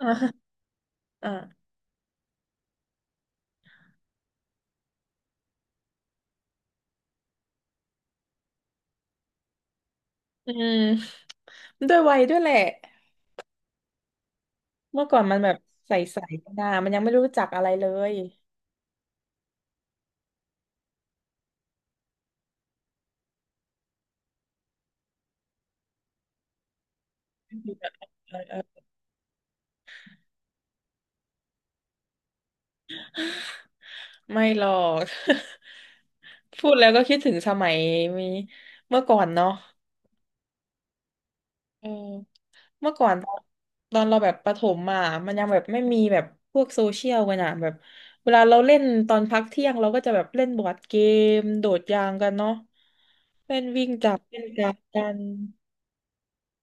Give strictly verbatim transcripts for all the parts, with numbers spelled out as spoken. อ่าอ่าอืมด้วยวัยด้วยแหละเมื่อก่อนมันแบบใสๆกันะมันยังไม่รู้จักอะไรเลยเออเออไม่หรอก พูดแล้วก็คิดถึงสมัยมีเมื่อก่อนเนาะเออเมื่อก่อนตอนตอนเราแบบประถมอ่ะมันยังแบบไม่มีแบบพวกโซเชียลกันอ่ะแบบเวลาเราเล่นตอนพักเที่ยงเราก็จะแบบเล่นบอร์ดเกมโดดยางกันเนาะเล่นวิ่งจับเล่นจับกัน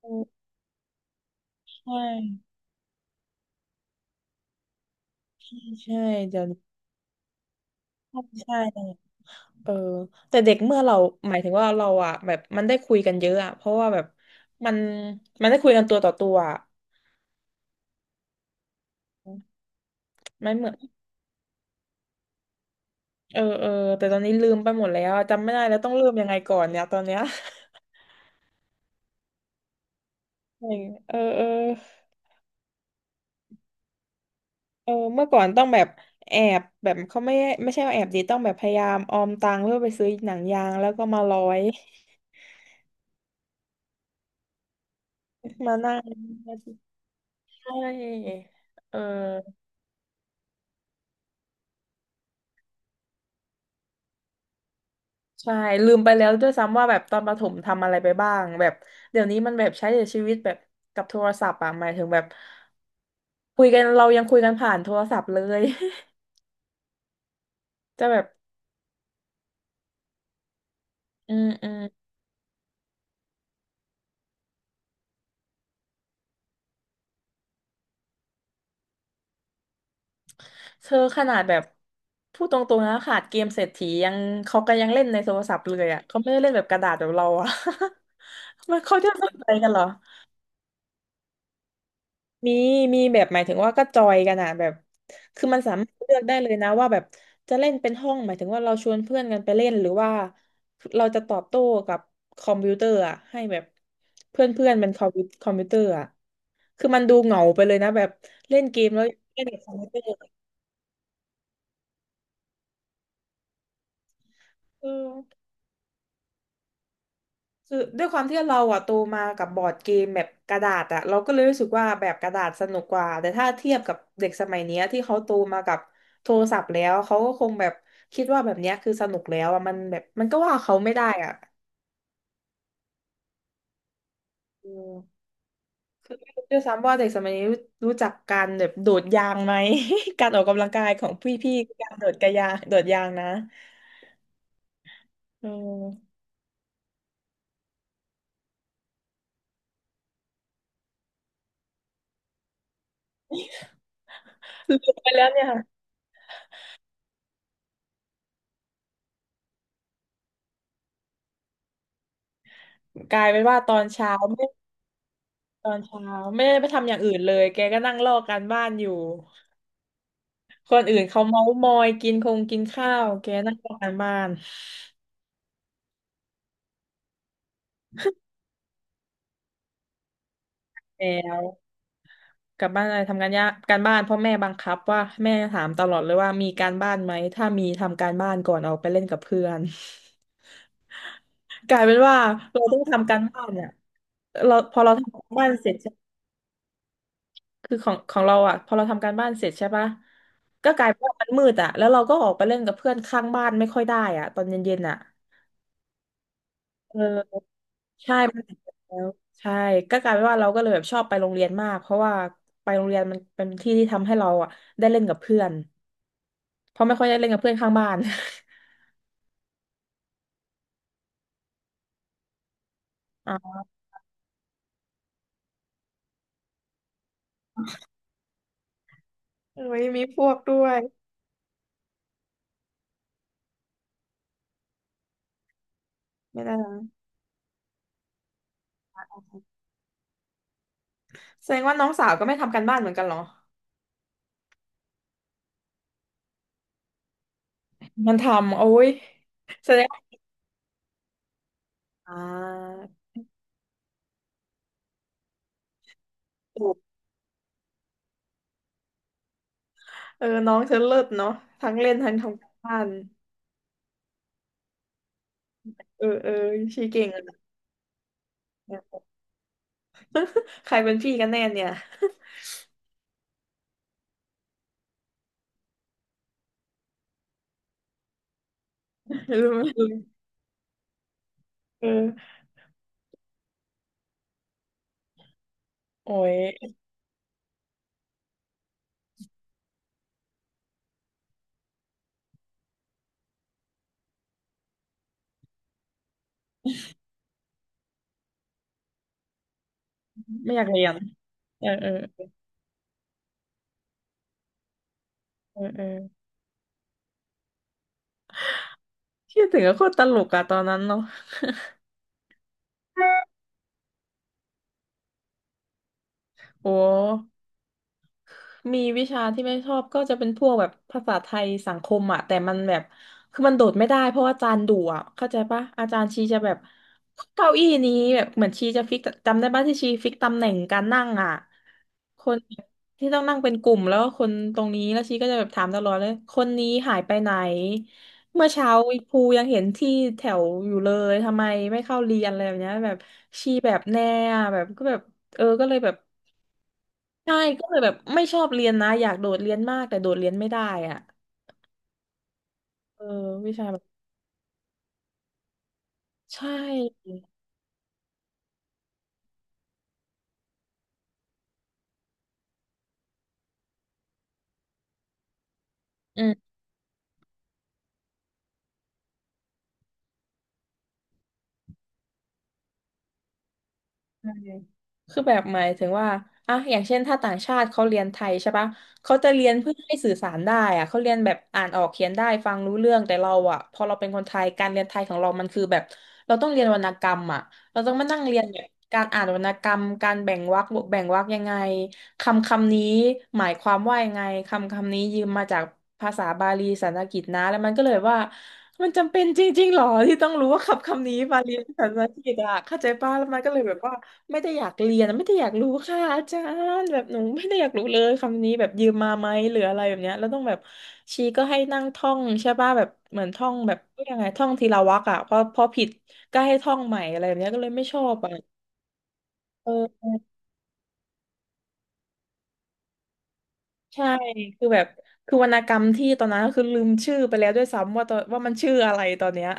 เออใช่ใช่เดี๋ยวนี้ใช่ เออแต่เด็กเมื่อเราหมายถึงว่าเราอ่ะแบบมันได้คุยกันเยอะอ่ะเพราะว่าแบบมันมันได้คุยกันตัวต่อตัวอะไม่เหมือนเออเออแต่ตอนนี้ลืมไปหมดแล้วอะจำไม่ได้แล้วต้องเริ่มยังไงก่อนเนี่ยตอนเนี้ย เออเออเออเออเมื่อก่อนต้องแบบแอบแบบเขาไม่ไม่ใช่ว่าแอบดีต้องแบบพยายามออมตังค์เพื่อไปซื้อหนังยางแล้วก็มาร้อย มานั่ง ใช่เออ ใช่ลืมไปแล้วด้วยซ้ำว่าแบบตอนประถมทำอะไรไปบ้างแบบเดี๋ยวนี้มันแบบใช้ชีวิตแบบกับโทรศัพท์อะหมายถึงแบบคุยกันเรายังคุยกันผ่านโทรศัพท์เลย จะแบบอืมอืมเธอขนาดแบบพูดตรงๆนะขาดเกมเศรษฐียังเขาก็ยังเล่นในโทรศัพท์เลยอะเขาไม่ได้เล่นแบบกระดาษแบบเราอะ มันเขาจะสนใจกันเหรอ มีมีแบบหมายถึงว่าก็จอยกันอะแบบคือมันสามารถเลือกได้เลยนะว่าแบบจะเล่นเป็นห้องหมายถึงว่าเราชวนเพื่อนกันไปเล่นหรือว่าเราจะตอบโต้กับคอมพิวเตอร์อะให้แบบเพื่อนเพื่อนเป็นคอมพิวคอมพิวเตอร์อะคือมันดูเหงาไปเลยนะแบบเล่นเกมแล้วเล่นกับคอมพิวเตอร์เออ คือด้วยความที่เราอะโตมากับบอร์ดเกมแบบกระดาษอะเราก็เลยรู้สึกว่าแบบกระดาษสนุกกว่าแต่ถ้าเทียบกับเด็กสมัยเนี้ยที่เขาโตมากับโทรศัพท์แล้วเขาก็คงแบบคิดว่าแบบเนี้ยคือสนุกแล้วอะมันแบบมันก็ว่าเขาไม่ได้อะอืมคือไม่รู้ด้วยซ้ำว่าเด็กสมัยนี้รู้รู้จักการแบบโดดยางไหม การออกกำลังกายของพี่พี่คือการโดดกระยางโดดยางนะอืมลืม ไปแล้วเนี่ยกลายเป็นว่าตอนเช้า ตอนเช้าไม่ได้ไปทำอย่างอื่นเลยแกก็นั่งลอกการบ้านอยู่คนอื่นเขาเมาส์มอยกินคงกินข้าวแกนั่งลอกการบ้านแล้วกลับบ้านอะไรทำการยากการบ้านเพ่อแม่บังคับว่าแม่ถามตลอดเลยว่ามีการบ้านไหมถ้ามีทำการบ้านก่อนออกไปเล่นกับเพื่อน กลายเป็นว่าเราต้องทำการบ้านเนี่ยเราพอเราทำการบ้านเสร็จใช่คือของของเราอ่ะพอเราทำการบ้านเสร็จใช่ปะก็กลายเป็นว่ามันมืดอ่ะแล้วเราก็ออกไปเล่นกับเพื่อนข้างบ้านไม่ค่อยได้อ่ะตอนเย็นๆอ่ะเออ ใช่มันติดแล้วใช่ก็กลายเป็นว่าเราก็เลยแบบชอบไปโรงเรียนมากเพราะว่าไปโรงเรียนมันเป็นที่ที่ทำให้เราอ่ะได้เล่นกับเพื่อนเพราะไม่ค่อยได้เล่นกับเพื่อนข้างบ้าน อ๋อเอ้ยมีพวกด้วยไม่ได้นะแสดงว่าน้องสาวก็ไม่ทำการบ้านเหมือนกันเหรอมันทำโอ้ยแสดงว่าอ่าถูกเออน้องเธอเลิศเนาะทั้งเล่นทั้งทำการบ้านเออเออชีเก่งอะนะ ใครเป็นพี่กันแน่เนี่ย รู้ไหมเออโอ้ย ไม่อยากเรียนเออเออเออเออที่ถึงก็โคตรตลกอะตอนนั้นเนาะโอ้ มีวิชาที่ไม่ชอบก็จะเป็นพวกแบบภาษาไทยสังคมอ่ะแต่มันแบบคือมันโดดไม่ได้เพราะว่าอาจารย์ดุอ่ะเข้าใจปะอาจารย์ชีจะแบบเก้าอี้นี้แบบเหมือนชีจะฟิกจำได้ปะที่ชีฟิกตำแหน่งการนั่งอ่ะคนที่ต้องนั่งเป็นกลุ่มแล้วก็คนตรงนี้แล้วชีก็จะแบบถามตลอดเลยคนนี้หายไปไหนเมื่อเช้าครูยังเห็นที่แถวอยู่เลยทำไมไม่เข้าเรียนอะไรแบบเนี้ยแบบชีแบบแน่อะแบบก็แบบเออก็เลยแบบ ใช่ก็เลยแบบไม่ชอบเรียนนะอยากโดดเรียนมากแต่โดดเรียนไม่ได้อ่ะเออวิชาแบบใช่อื ใช่คือแบบหมายถึงว่าอ่ะอย่างเช่นถ้าต่างชาติเขาเรียนไทยใช่ปะเขาจะเรียนเพื่อให้สื่อสารได้อะเขาเรียนแบบอ่านออกเขียนได้ฟังรู้เรื่องแต่เราอะพอเราเป็นคนไทยการเรียนไทยของเรามันคือแบบเราต้องเรียนวรรณกรรมอะเราต้องมานั่งเรียนแบบการอ่านวรรณกรรมการแบ่งวรรคแบ่งวรรคยังไงคำคำนี้หมายความว่ายังไงคำคำนี้ยืมมาจากภาษาบาลีสันสกฤตนะแล้วมันก็เลยว่า มันจำเป็นจริงๆหรอที่ต้องรู้ว่าคำคำนี้มาลีภาษาอังกฤษอะเข้าใจป้าแล้วมันก็เลยแบบว่าไม่ได้อยากเรียนไม่ได้อยากรู้ค่ะอาจารย์แบบหนูไม่ได้อยากรู้เลยคำนี้แบบยืมมาไหมหรืออะไรแบบเนี้ยแล้วต้องแบบชีก็ให้นั่งท่องใช่ป่ะแบบเหมือนท่องแบบยังไงท่องทีละวรรคอะพอพอผิดก็ให้ท่องใหม่อะไรแบบเนี้ยก็เลยไม่ชอบอะเออใช่คือแบบคือวรรณกรรมที่ตอนนั้นก็คือลืมชื่อไปแล้วด้วยซ้ำว่าตอนว่ามันชื่ออะไรตอนเนี้ย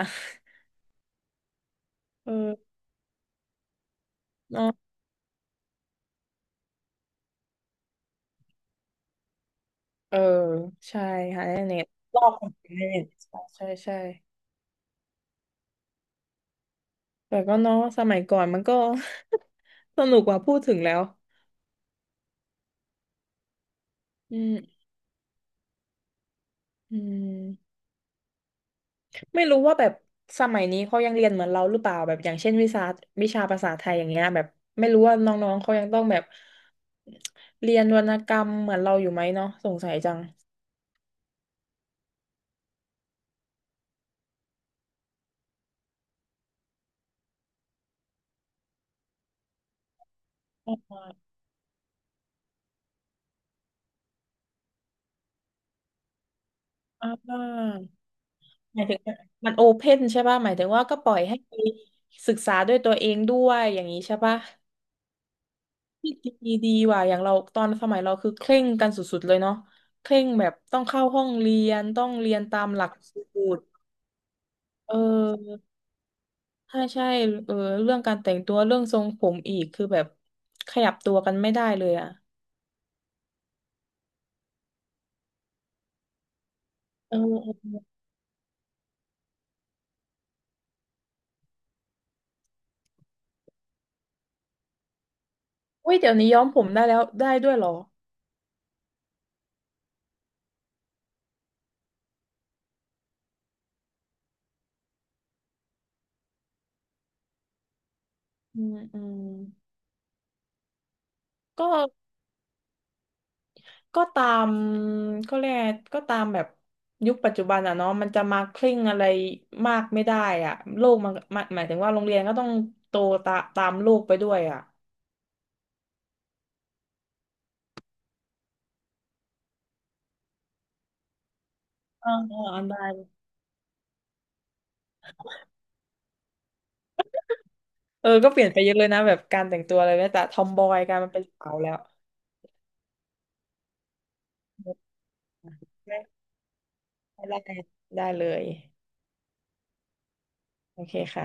เออ เออใช่หาในเน็ตลอกคนอื่นในเน็ตใช่ใช่แต่ก็เนาะสมัยก่อนมันก็ สนุกกว่าพูดถึงแล้วอืมอืมไม่รู้ว่าแบบสมัยนี้เขายังเรียนเหมือนเราหรือเปล่าแบบอย่างเช่นวิชาวิชาภาษาไทยอย่างเงี้ยแบบไม่รู้ว่าน้องๆเขายังต้องแบบเรียนวรรณกรรมเหมือนเราอยู่ไหมเนาะสงสัยจังอออ่าหมายถึงมันโอเพ่นใช่ป่ะหมายถึงว่าก็ปล่อยให้ไปศึกษาด้วยตัวเองด้วยอย่างนี้ใช่ป่ะ ที่ดีดีว่ะอย่างเราตอนสมัยเราคือเคร่งกันสุดๆเลยเนาะเคร่งแบบต้องเข้าห้องเรียนต้องเรียนตามหลักสูตรเออใช่ใช่เออเรื่องการแต่งตัวเรื่องทรงผมอีกคือแบบขยับตัวกันไม่ได้เลยอ่ะเออเอออุ้ยเดี๋ยวนี้ย้อมผมได้แล้วได้ด้วยเหรออืมอืมก็ ก็ตามก็เรียกไงก็ตามแบบยุคปัจจุบันอ่ะเนาะมันจะมาคลิ่งอะไรมากไม่ได้อ่ะโลกมันหมายหมายถึงว่าโรงเรียนก็ต้องโตตาตามโลกไปด้วยอ่ะอ่าอ่าอ่าได้เออก็เปลี่ยนไปเยอะเลยนะแบบการแต่งตัวอะไรเนี่ยแต่ทอมบอยกลายมาเป็นสาวแล้วได้ได้ได้เลยโอเคค่ะ